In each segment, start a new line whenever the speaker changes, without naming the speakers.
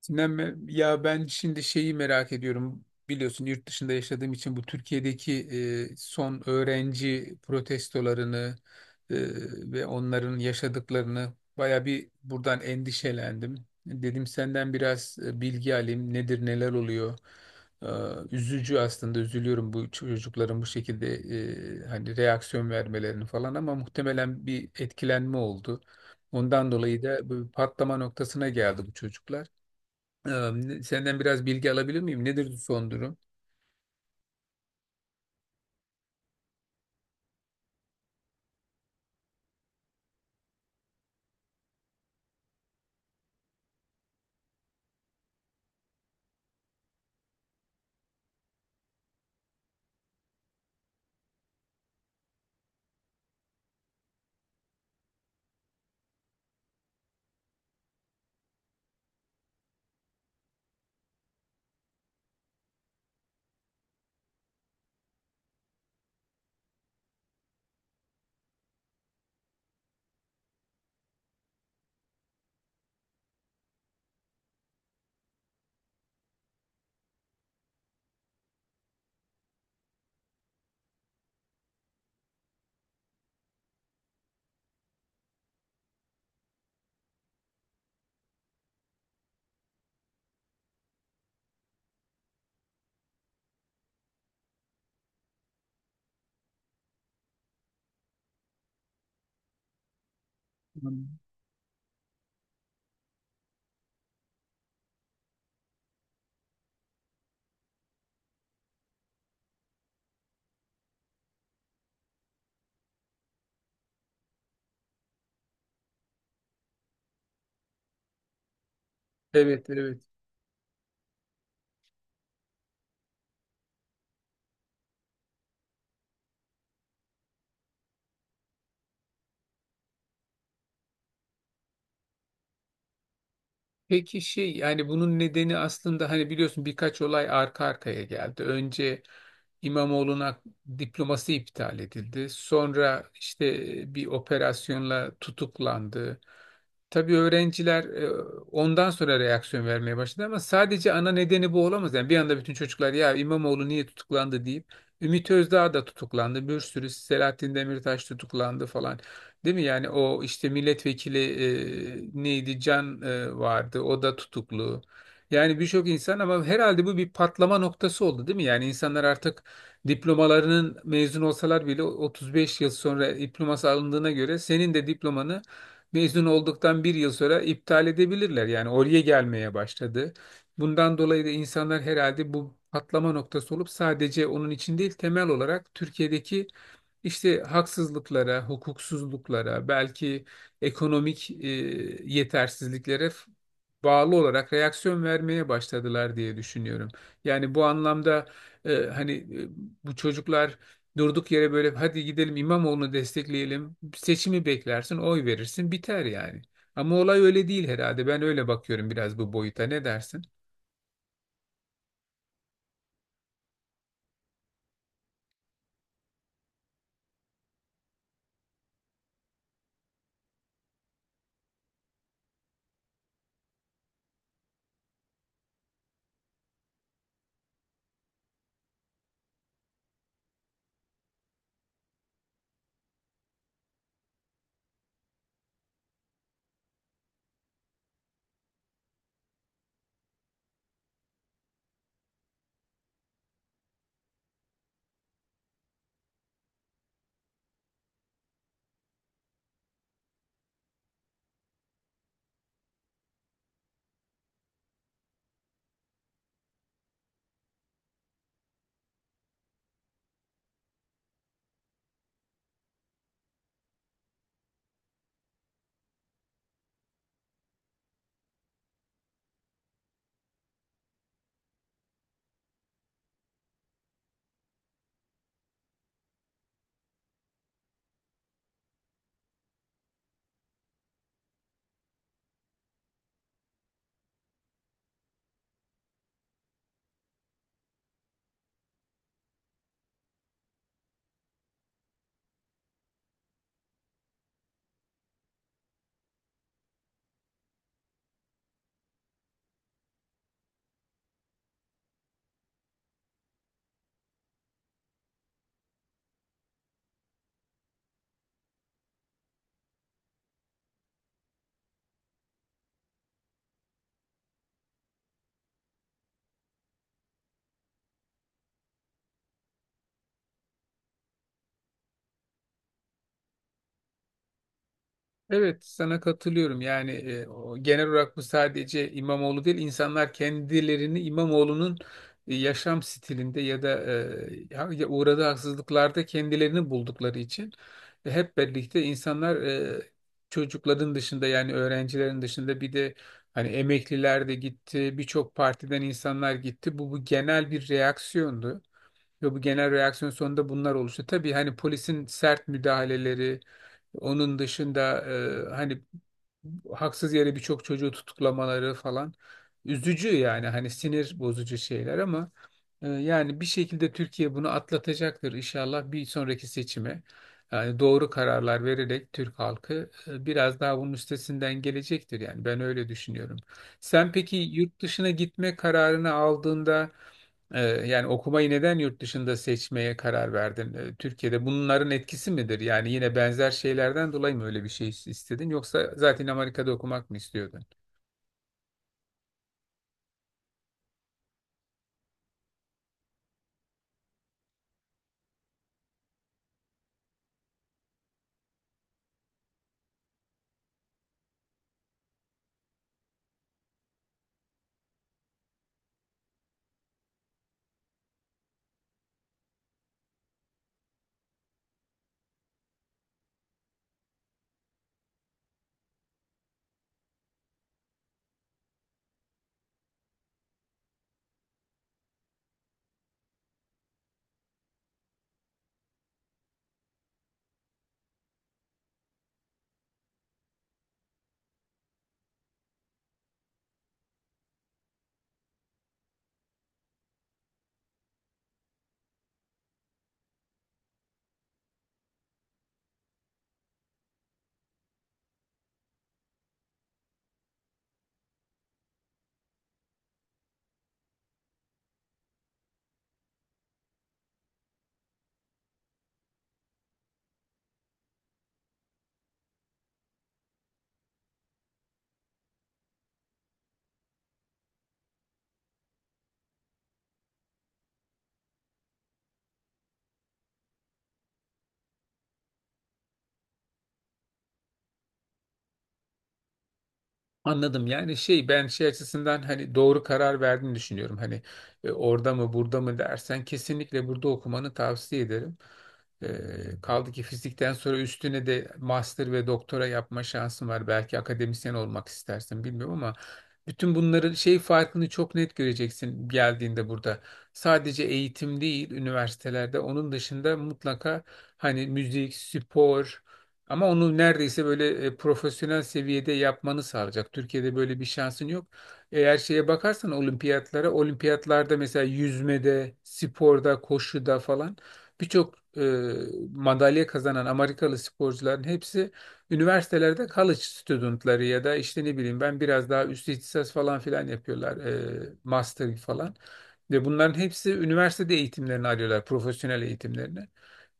Sinem, ya ben şimdi şeyi merak ediyorum. Biliyorsun yurt dışında yaşadığım için bu Türkiye'deki son öğrenci protestolarını e, ve onların yaşadıklarını baya bir buradan endişelendim. Dedim senden biraz bilgi alayım. Nedir, neler oluyor? E, üzücü aslında, üzülüyorum bu çocukların bu şekilde hani reaksiyon vermelerini falan, ama muhtemelen bir etkilenme oldu. Ondan dolayı da bu patlama noktasına geldi bu çocuklar. Senden biraz bilgi alabilir miyim? Nedir son durum? Tamam. Evet, evet. Peki şey, yani bunun nedeni aslında hani biliyorsun birkaç olay arka arkaya geldi. Önce İmamoğlu'na diploması iptal edildi. Sonra işte bir operasyonla tutuklandı. Tabii öğrenciler ondan sonra reaksiyon vermeye başladı ama sadece ana nedeni bu olamaz. Yani bir anda bütün çocuklar ya İmamoğlu niye tutuklandı deyip Ümit Özdağ da tutuklandı. Bir sürü Selahattin Demirtaş tutuklandı falan. Değil mi? Yani o işte milletvekili, neydi Can vardı. O da tutuklu. Yani birçok insan, ama herhalde bu bir patlama noktası oldu değil mi? Yani insanlar artık diplomalarının, mezun olsalar bile 35 yıl sonra diploması alındığına göre senin de diplomanı mezun olduktan bir yıl sonra iptal edebilirler. Yani oraya gelmeye başladı. Bundan dolayı da insanlar herhalde bu patlama noktası olup sadece onun için değil, temel olarak Türkiye'deki işte haksızlıklara, hukuksuzluklara, belki ekonomik yetersizliklere bağlı olarak reaksiyon vermeye başladılar diye düşünüyorum. Yani bu anlamda hani bu çocuklar durduk yere böyle hadi gidelim İmamoğlu'nu destekleyelim, seçimi beklersin, oy verirsin, biter yani. Ama olay öyle değil herhalde. Ben öyle bakıyorum biraz bu boyuta. Ne dersin? Evet, sana katılıyorum. Yani o, genel olarak bu sadece İmamoğlu değil, insanlar kendilerini İmamoğlu'nun yaşam stilinde ya da ya uğradığı haksızlıklarda kendilerini buldukları için hep birlikte insanlar, çocukların dışında yani öğrencilerin dışında, bir de hani emekliler de gitti, birçok partiden insanlar gitti. Bu genel bir reaksiyondu. Ve bu genel reaksiyon sonunda bunlar oluştu. Tabii hani polisin sert müdahaleleri, onun dışında hani haksız yere birçok çocuğu tutuklamaları falan üzücü, yani hani sinir bozucu şeyler, ama yani bir şekilde Türkiye bunu atlatacaktır inşallah bir sonraki seçime. Yani doğru kararlar vererek Türk halkı biraz daha bunun üstesinden gelecektir, yani ben öyle düşünüyorum. Sen peki yurt dışına gitme kararını aldığında yani okumayı neden yurt dışında seçmeye karar verdin? Türkiye'de bunların etkisi midir? Yani yine benzer şeylerden dolayı mı öyle bir şey istedin? Yoksa zaten Amerika'da okumak mı istiyordun? Anladım. Yani şey, ben şey açısından hani doğru karar verdiğini düşünüyorum. Hani orada mı burada mı dersen, kesinlikle burada okumanı tavsiye ederim. Kaldı ki fizikten sonra üstüne de master ve doktora yapma şansın var. Belki akademisyen olmak istersin bilmiyorum ama bütün bunların şey farkını çok net göreceksin geldiğinde burada. Sadece eğitim değil, üniversitelerde onun dışında mutlaka hani müzik, spor, ama onu neredeyse böyle profesyonel seviyede yapmanı sağlayacak. Türkiye'de böyle bir şansın yok. Eğer şeye bakarsan olimpiyatlara, olimpiyatlarda mesela yüzmede, sporda, koşuda falan, birçok madalya kazanan Amerikalı sporcuların hepsi üniversitelerde college studentları ya da işte ne bileyim ben biraz daha üst ihtisas falan filan yapıyorlar. E, master falan. Ve bunların hepsi üniversitede eğitimlerini arıyorlar, profesyonel eğitimlerini.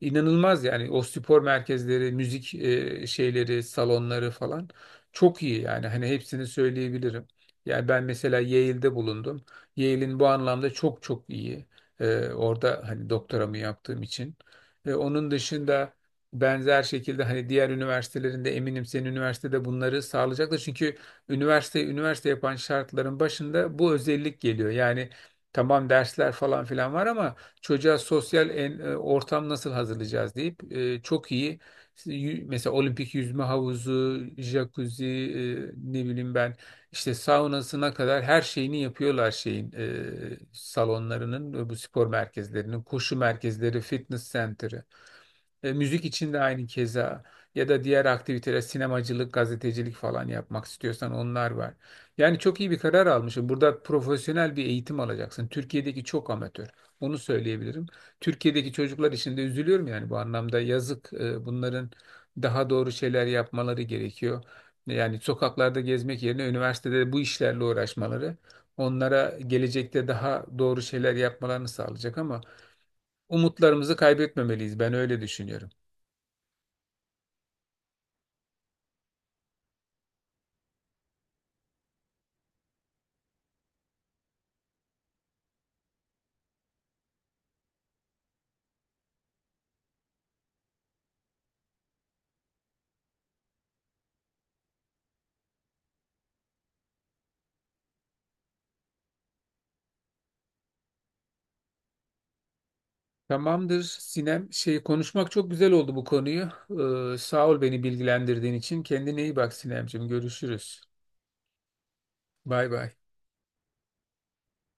İnanılmaz yani, o spor merkezleri, müzik şeyleri, salonları falan çok iyi, yani hani hepsini söyleyebilirim. Yani ben mesela Yale'de bulundum. Yale'in bu anlamda çok çok iyi. E, orada hani doktoramı yaptığım için. E, onun dışında benzer şekilde hani diğer üniversitelerinde, eminim senin üniversitede bunları sağlayacaktır. Çünkü üniversite üniversite yapan şartların başında bu özellik geliyor. Yani tamam dersler falan filan var ama çocuğa sosyal ortam nasıl hazırlayacağız deyip çok iyi işte mesela olimpik yüzme havuzu, jacuzzi, ne bileyim ben işte saunasına kadar her şeyini yapıyorlar şeyin, salonlarının, bu spor merkezlerinin, koşu merkezleri, fitness center'ı. E, müzik için de aynı keza, ya da diğer aktiviteler sinemacılık, gazetecilik falan yapmak istiyorsan onlar var. Yani çok iyi bir karar almışım. Burada profesyonel bir eğitim alacaksın. Türkiye'deki çok amatör. Onu söyleyebilirim. Türkiye'deki çocuklar için de üzülüyorum yani bu anlamda, yazık. E, bunların daha doğru şeyler yapmaları gerekiyor. Yani sokaklarda gezmek yerine üniversitede bu işlerle uğraşmaları onlara gelecekte daha doğru şeyler yapmalarını sağlayacak, ama umutlarımızı kaybetmemeliyiz. Ben öyle düşünüyorum. Tamamdır Sinem. Şey, konuşmak çok güzel oldu bu konuyu. Sağ ol beni bilgilendirdiğin için. Kendine iyi bak Sinemciğim. Görüşürüz. Bay bay.